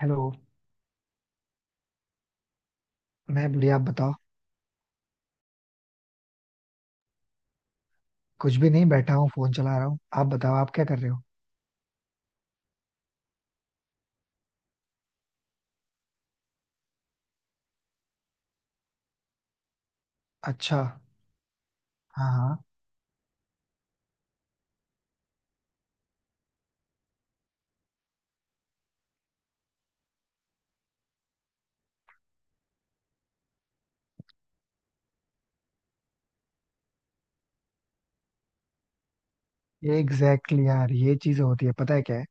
Hello. मैं बढ़िया, आप बताओ. कुछ भी नहीं, बैठा हूँ फोन चला रहा हूँ, आप बताओ आप क्या कर रहे हो? अच्छा. हाँ हाँ. ये एग्जैक्टली exactly यार, ये चीज होती है. पता है क्या है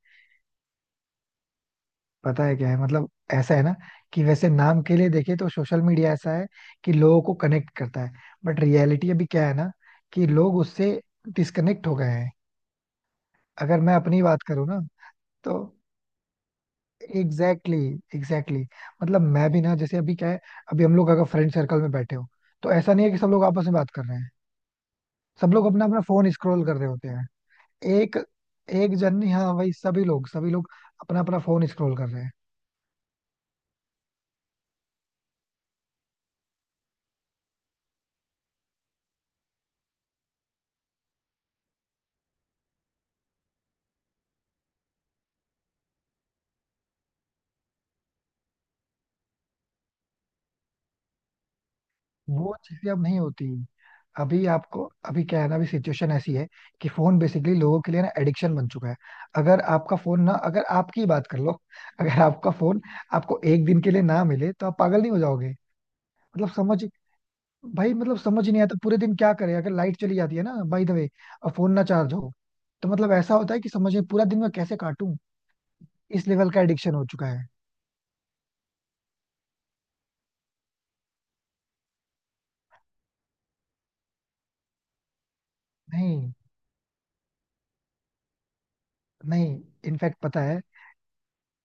पता है क्या है मतलब, ऐसा है ना कि वैसे नाम के लिए देखे तो सोशल मीडिया ऐसा है कि लोगों को कनेक्ट करता है, बट रियलिटी अभी क्या है ना, कि लोग उससे डिस्कनेक्ट हो गए हैं. अगर मैं अपनी बात करूँ ना, तो एग्जैक्टली exactly. मतलब मैं भी ना, जैसे अभी क्या है, अभी हम लोग अगर फ्रेंड सर्कल में बैठे हो, तो ऐसा नहीं है कि सब लोग आपस में बात कर रहे हैं. सब लोग अपना अपना फोन स्क्रॉल कर रहे होते हैं. एक एक जन नहीं, हाँ वही, सभी लोग अपना अपना फोन स्क्रॉल कर रहे हैं. वो चीजें अब नहीं होती. अभी आपको, अभी क्या है ना, अभी सिचुएशन ऐसी है कि फोन बेसिकली लोगों के लिए ना एडिक्शन बन चुका है. अगर आपका फोन ना अगर आपकी ही बात कर लो अगर आपका फोन आपको एक दिन के लिए ना मिले, तो आप पागल नहीं हो जाओगे? मतलब समझ भाई मतलब समझ ही नहीं आता पूरे दिन क्या करें, अगर लाइट चली जाती है ना बाय द वे, और फोन ना चार्ज हो, तो मतलब ऐसा होता है कि समझ में पूरा दिन मैं कैसे काटूं. इस लेवल का एडिक्शन हो चुका है. नहीं. नहीं. इनफैक्ट पता है,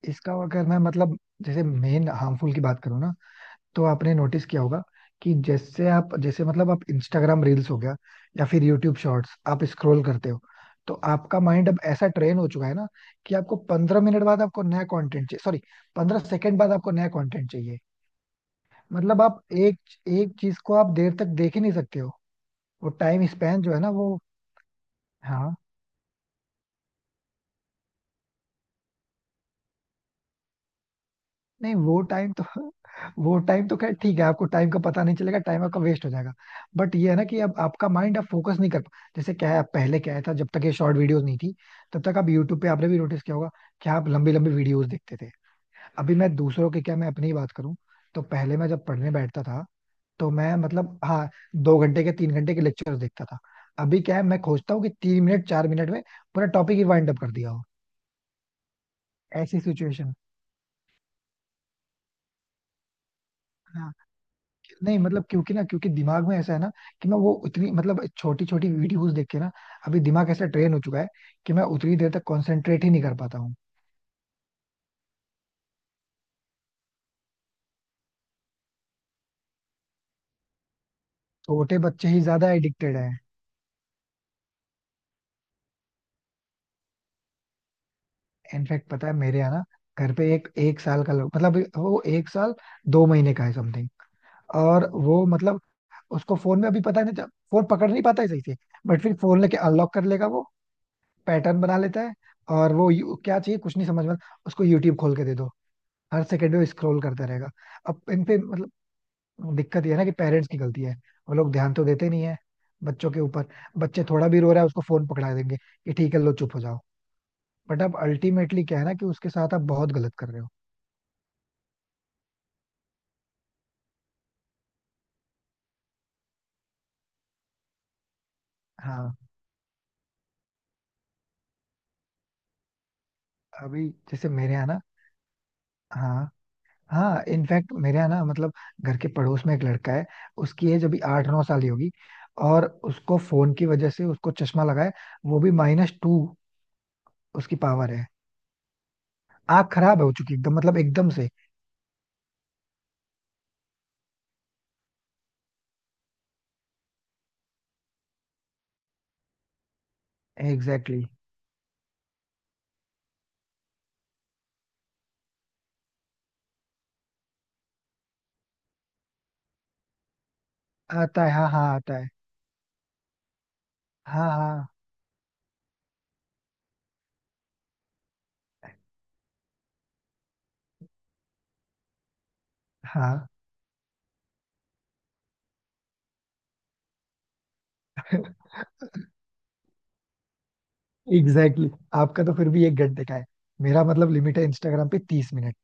इसका अगर मैं मतलब, जैसे मेन हार्मफुल की बात करूँ ना, तो आपने नोटिस किया होगा कि जैसे आप जैसे मतलब आप इंस्टाग्राम रील्स हो गया या फिर यूट्यूब शॉर्ट्स आप स्क्रॉल करते हो, तो आपका माइंड अब ऐसा ट्रेन हो चुका है ना कि आपको 15 मिनट बाद आपको नया कंटेंट चाहिए, सॉरी, 15 सेकंड बाद आपको नया कंटेंट चाहिए. मतलब आप एक एक चीज को आप देर तक देख ही नहीं सकते हो. वो टाइम स्पैन जो है ना वो. हाँ. नहीं वो टाइम तो वो टाइम तो खैर ठीक है, आपको टाइम का पता नहीं चलेगा, टाइम आपका वेस्ट हो जाएगा. बट ये है ना कि अब आपका माइंड आप फोकस नहीं कर पा. जैसे क्या है, पहले क्या था, जब तक ये शॉर्ट वीडियोस नहीं थी, तब तक आप यूट्यूब पे, आपने भी नोटिस किया होगा कि आप लंबी लंबी वीडियोस देखते थे. अभी मैं दूसरों की क्या, मैं अपनी ही बात करूं तो पहले मैं जब पढ़ने बैठता था, तो मैं मतलब हाँ, 2 घंटे के 3 घंटे के लेक्चर देखता था. अभी क्या है, मैं खोजता हूँ कि 3 मिनट 4 मिनट में पूरा टॉपिक ही वाइंड अप कर दिया हो. ऐसी सिचुएशन. नहीं मतलब, क्योंकि ना, क्योंकि दिमाग में ऐसा है ना कि मैं वो उतनी मतलब छोटी छोटी वीडियोस देख के ना अभी दिमाग ऐसा ट्रेन हो चुका है कि मैं उतनी देर तक कंसंट्रेट ही नहीं कर पाता हूँ. छोटे बच्चे ही ज्यादा एडिक्टेड हैं. इनफैक्ट पता है, मेरे यहाँ ना, घर पे एक एक साल का लड़का, मतलब वो 1 साल 2 महीने का है समथिंग. और वो मतलब उसको फोन में अभी पता नहीं, फोन पकड़ नहीं पाता है सही से, बट फिर फोन लेके अनलॉक कर लेगा वो, पैटर्न बना लेता है. और वो क्या चाहिए कुछ नहीं समझ में आता, उसको यूट्यूब खोल के दे दो, हर सेकंड में स्क्रॉल करता रहेगा. अब इन पे मतलब, दिक्कत ये है ना कि पेरेंट्स की गलती है, वो लोग ध्यान तो देते नहीं है बच्चों के ऊपर. बच्चे थोड़ा भी रो रहा है उसको फोन पकड़ा देंगे कि ठीक है लो चुप हो जाओ. बट अब अल्टीमेटली क्या है ना कि उसके साथ आप बहुत गलत कर रहे हो. हाँ. अभी जैसे मेरे यहाँ ना. हाँ हाँ. इनफैक्ट मेरे यहाँ ना मतलब, घर के पड़ोस में एक लड़का है, उसकी एज अभी 8-9 साल ही होगी. और उसको फोन की वजह से उसको चश्मा लगा है, वो भी -2 उसकी पावर है. आँख खराब हो चुकी एकदम, मतलब एकदम से. Exactly exactly. आता है, हाँ हाँ आता है. हाँ हाँ हाँ. Exactly exactly. आपका तो फिर भी 1 घंटे का है, मेरा मतलब लिमिट है इंस्टाग्राम पे 30 मिनट.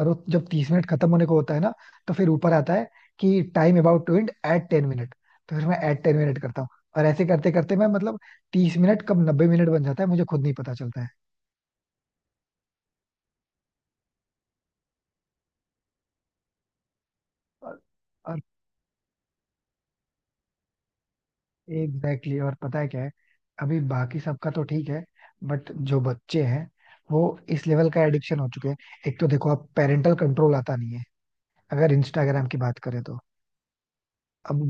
और वो जब 30 मिनट खत्म होने को होता है ना, तो फिर ऊपर आता है कि time about to end at ten minute. तो फिर मैं एट टेन मिनट करता हूँ, और ऐसे करते करते मैं मतलब 30 मिनट कब 90 मिनट बन जाता है मुझे खुद नहीं पता चलता है. और और एग्जैक्टली exactly, और पता है क्या है? अभी बाकी सबका तो ठीक है, बट जो बच्चे हैं वो इस लेवल का एडिक्शन हो चुके हैं. एक तो देखो, आप पेरेंटल कंट्रोल आता नहीं है अगर इंस्टाग्राम की बात करें तो. अब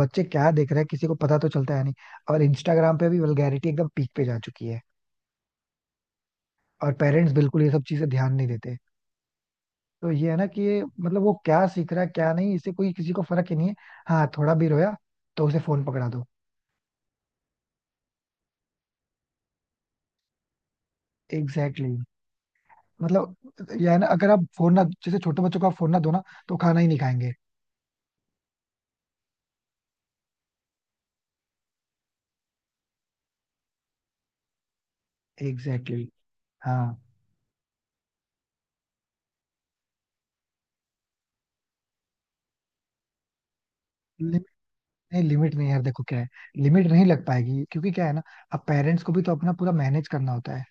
बच्चे क्या देख रहे हैं किसी को पता तो चलता है नहीं. और इंस्टाग्राम पे भी वल्गैरिटी एकदम पीक पे जा चुकी है. और पेरेंट्स बिल्कुल ये सब चीजें ध्यान नहीं देते. तो ये है ना कि ये मतलब वो क्या सीख रहा है क्या नहीं इससे कोई किसी को फर्क ही नहीं है. हाँ थोड़ा भी रोया तो उसे फोन पकड़ा दो. Exactly exactly. मतलब, ये है ना अगर आप फोन ना, जैसे छोटे बच्चों को आप फोन ना दो ना, तो खाना ही नहीं खाएंगे. Exactly exactly. हाँ. लिमिट. नहीं, लिमिट नहीं यार, देखो क्या है, लिमिट नहीं लग पाएगी क्योंकि क्या है ना, अब पेरेंट्स को भी तो अपना पूरा मैनेज करना होता है,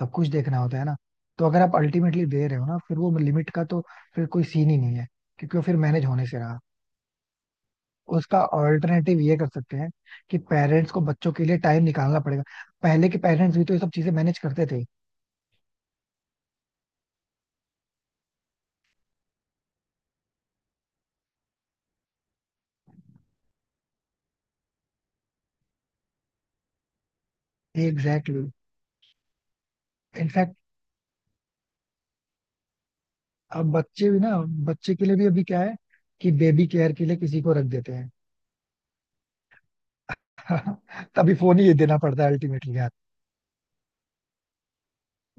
सब कुछ देखना होता है ना. तो अगर आप अल्टीमेटली दे रहे हो ना फिर वो लिमिट का तो फिर कोई सीन ही नहीं है, क्योंकि वो फिर मैनेज होने से रहा. उसका ऑल्टरनेटिव ये कर सकते हैं कि पेरेंट्स को बच्चों के लिए टाइम निकालना पड़ेगा. पहले के पेरेंट्स भी तो ये सब चीजें मैनेज करते थे. Exactly exactly. इनफैक्ट अब बच्चे भी ना, बच्चे के लिए भी अभी क्या है, कि बेबी केयर के लिए किसी को रख देते हैं. तभी फोन ही देना पड़ता है अल्टीमेटली.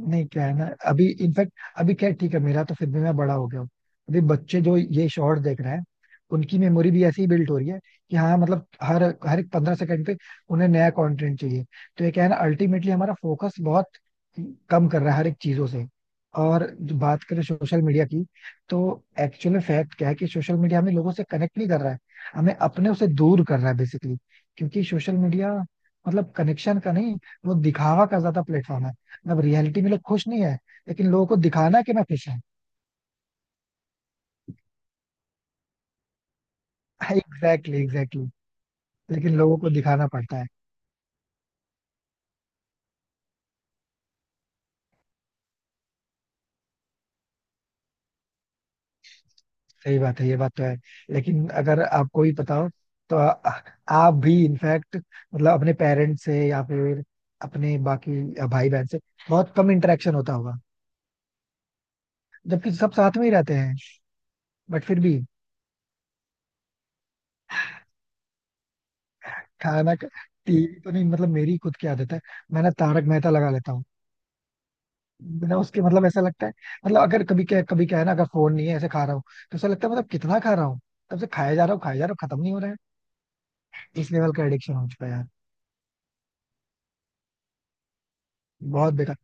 नहीं क्या है ना अभी इनफैक्ट, अभी क्या है, ठीक है मेरा तो फिर भी मैं बड़ा हो गया हूँ. अभी बच्चे जो ये शॉर्ट्स देख रहे हैं उनकी मेमोरी भी ऐसी ही बिल्ट हो रही है कि हाँ मतलब हर हर एक 15 सेकंड पे उन्हें नया कंटेंट चाहिए. तो ये क्या है ना, अल्टीमेटली हमारा फोकस बहुत कम कर रहा है हर एक चीजों से. और जो बात करें सोशल मीडिया की, तो एक्चुअल में फैक्ट क्या है कि सोशल मीडिया हमें लोगों से कनेक्ट नहीं कर रहा है, हमें अपने उसे दूर कर रहा है बेसिकली. क्योंकि सोशल मीडिया मतलब कनेक्शन का नहीं, वो दिखावा का ज्यादा प्लेटफॉर्म है. अब रियलिटी में लोग खुश नहीं है, लेकिन लोगों को दिखाना है कि मैं खुश हूँ. Exactly exactly. लेकिन लोगों को दिखाना पड़ता है. सही बात है, ये बात तो है. लेकिन अगर आपको भी पता हो, तो आप भी इनफैक्ट मतलब अपने पेरेंट्स से या फिर अपने बाकी भाई बहन से बहुत कम इंटरेक्शन होता होगा, जबकि सब साथ में ही रहते हैं. बट फिर भी खाना टीवी तो नहीं, मतलब मेरी खुद की आदत है. मैं ना तारक मेहता लगा लेता हूँ. बिना उसके मतलब ऐसा लगता है, मतलब अगर कभी क्या, कभी क्या है ना, अगर फोन नहीं है ऐसे खा रहा हूँ, तो ऐसा लगता है मतलब कितना खा रहा हूँ, तब से खाया जा रहा हूँ खाया जा रहा हूँ, खत्म नहीं हो रहा है. इस लेवल का एडिक्शन हो चुका है यार. बहुत बेकार.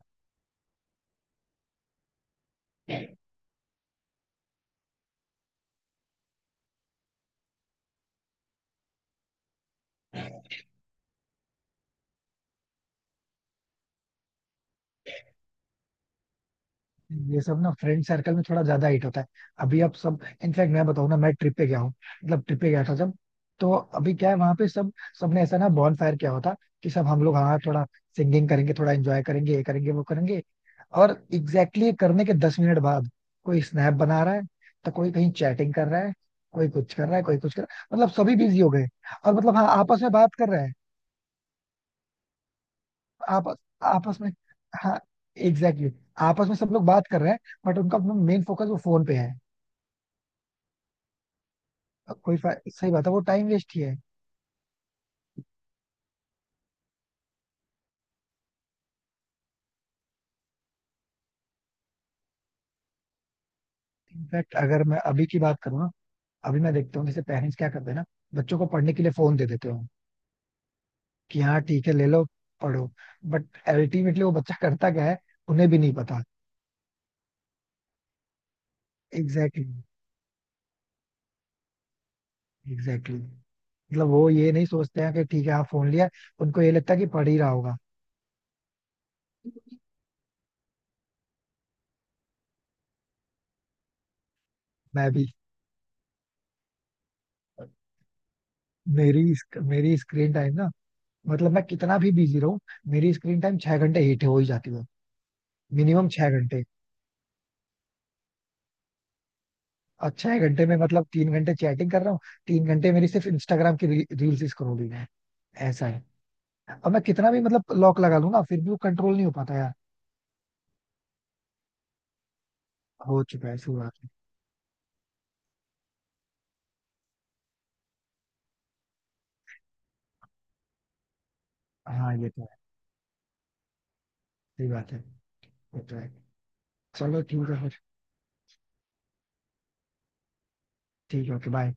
ये सब ना फ्रेंड सर्कल में थोड़ा ज्यादा हिट होता है. अभी अब सब. इनफैक्ट मैं बताऊं ना, मैं ट्रिप पे गया हूँ, मतलब ट्रिप पे गया था जब, तो अभी क्या है वहां पे सब, सबने ऐसा ना बॉन फायर किया होता कि सब हम लोग हाँ थोड़ा सिंगिंग करेंगे, थोड़ा एंजॉय करेंगे, ये करेंगे वो करेंगे. और एग्जैक्टली exactly करने के 10 मिनट बाद कोई स्नैप बना रहा है, तो कोई कहीं चैटिंग कर रहा है, कोई कुछ कर रहा है कोई कुछ कर रहा है, मतलब सभी बिजी हो गए. और मतलब हाँ, आपस में बात कर रहे हैं. आप आपस में. हाँ. Exactly exactly. आपस में सब लोग बात कर रहे हैं, बट उनका मेन फोकस वो फोन पे है. अब कोई फा- सही बात है, वो टाइम वेस्ट ही है. इनफैक्ट अगर मैं अभी की बात करूँ ना, अभी मैं देखता हूँ जैसे पेरेंट्स क्या करते हैं ना, बच्चों को पढ़ने के लिए फोन दे देते हो कि हाँ ठीक है ले लो पढ़ो, बट अल्टीमेटली वो बच्चा करता क्या है, उन्हें भी नहीं पता. Exactly exactly, exactly exactly. मतलब वो ये नहीं सोचते हैं कि ठीक है हाँ फोन लिया, उनको ये लगता है कि पढ़ ही रहा होगा. मैं भी. मेरी मेरी स्क्रीन टाइम ना, मतलब मैं कितना भी बिजी रहूं, मेरी स्क्रीन टाइम 6 घंटे हिट हो ही जाती है. मिनिमम 6 घंटे. और 6 घंटे में मतलब 3 घंटे चैटिंग कर रहा हूँ, 3 घंटे मेरी सिर्फ इंस्टाग्राम की रील्स स्क्रॉलिंग है. ऐसा है. और मैं कितना भी मतलब लॉक लगा लूं ना फिर भी वो कंट्रोल नहीं हो पाता यार. हो चुका है शुरुआत में. हाँ ये तो है, सही बात है, ये तो है, चलो ठीक है फिर. ठीक है, ओके बाय.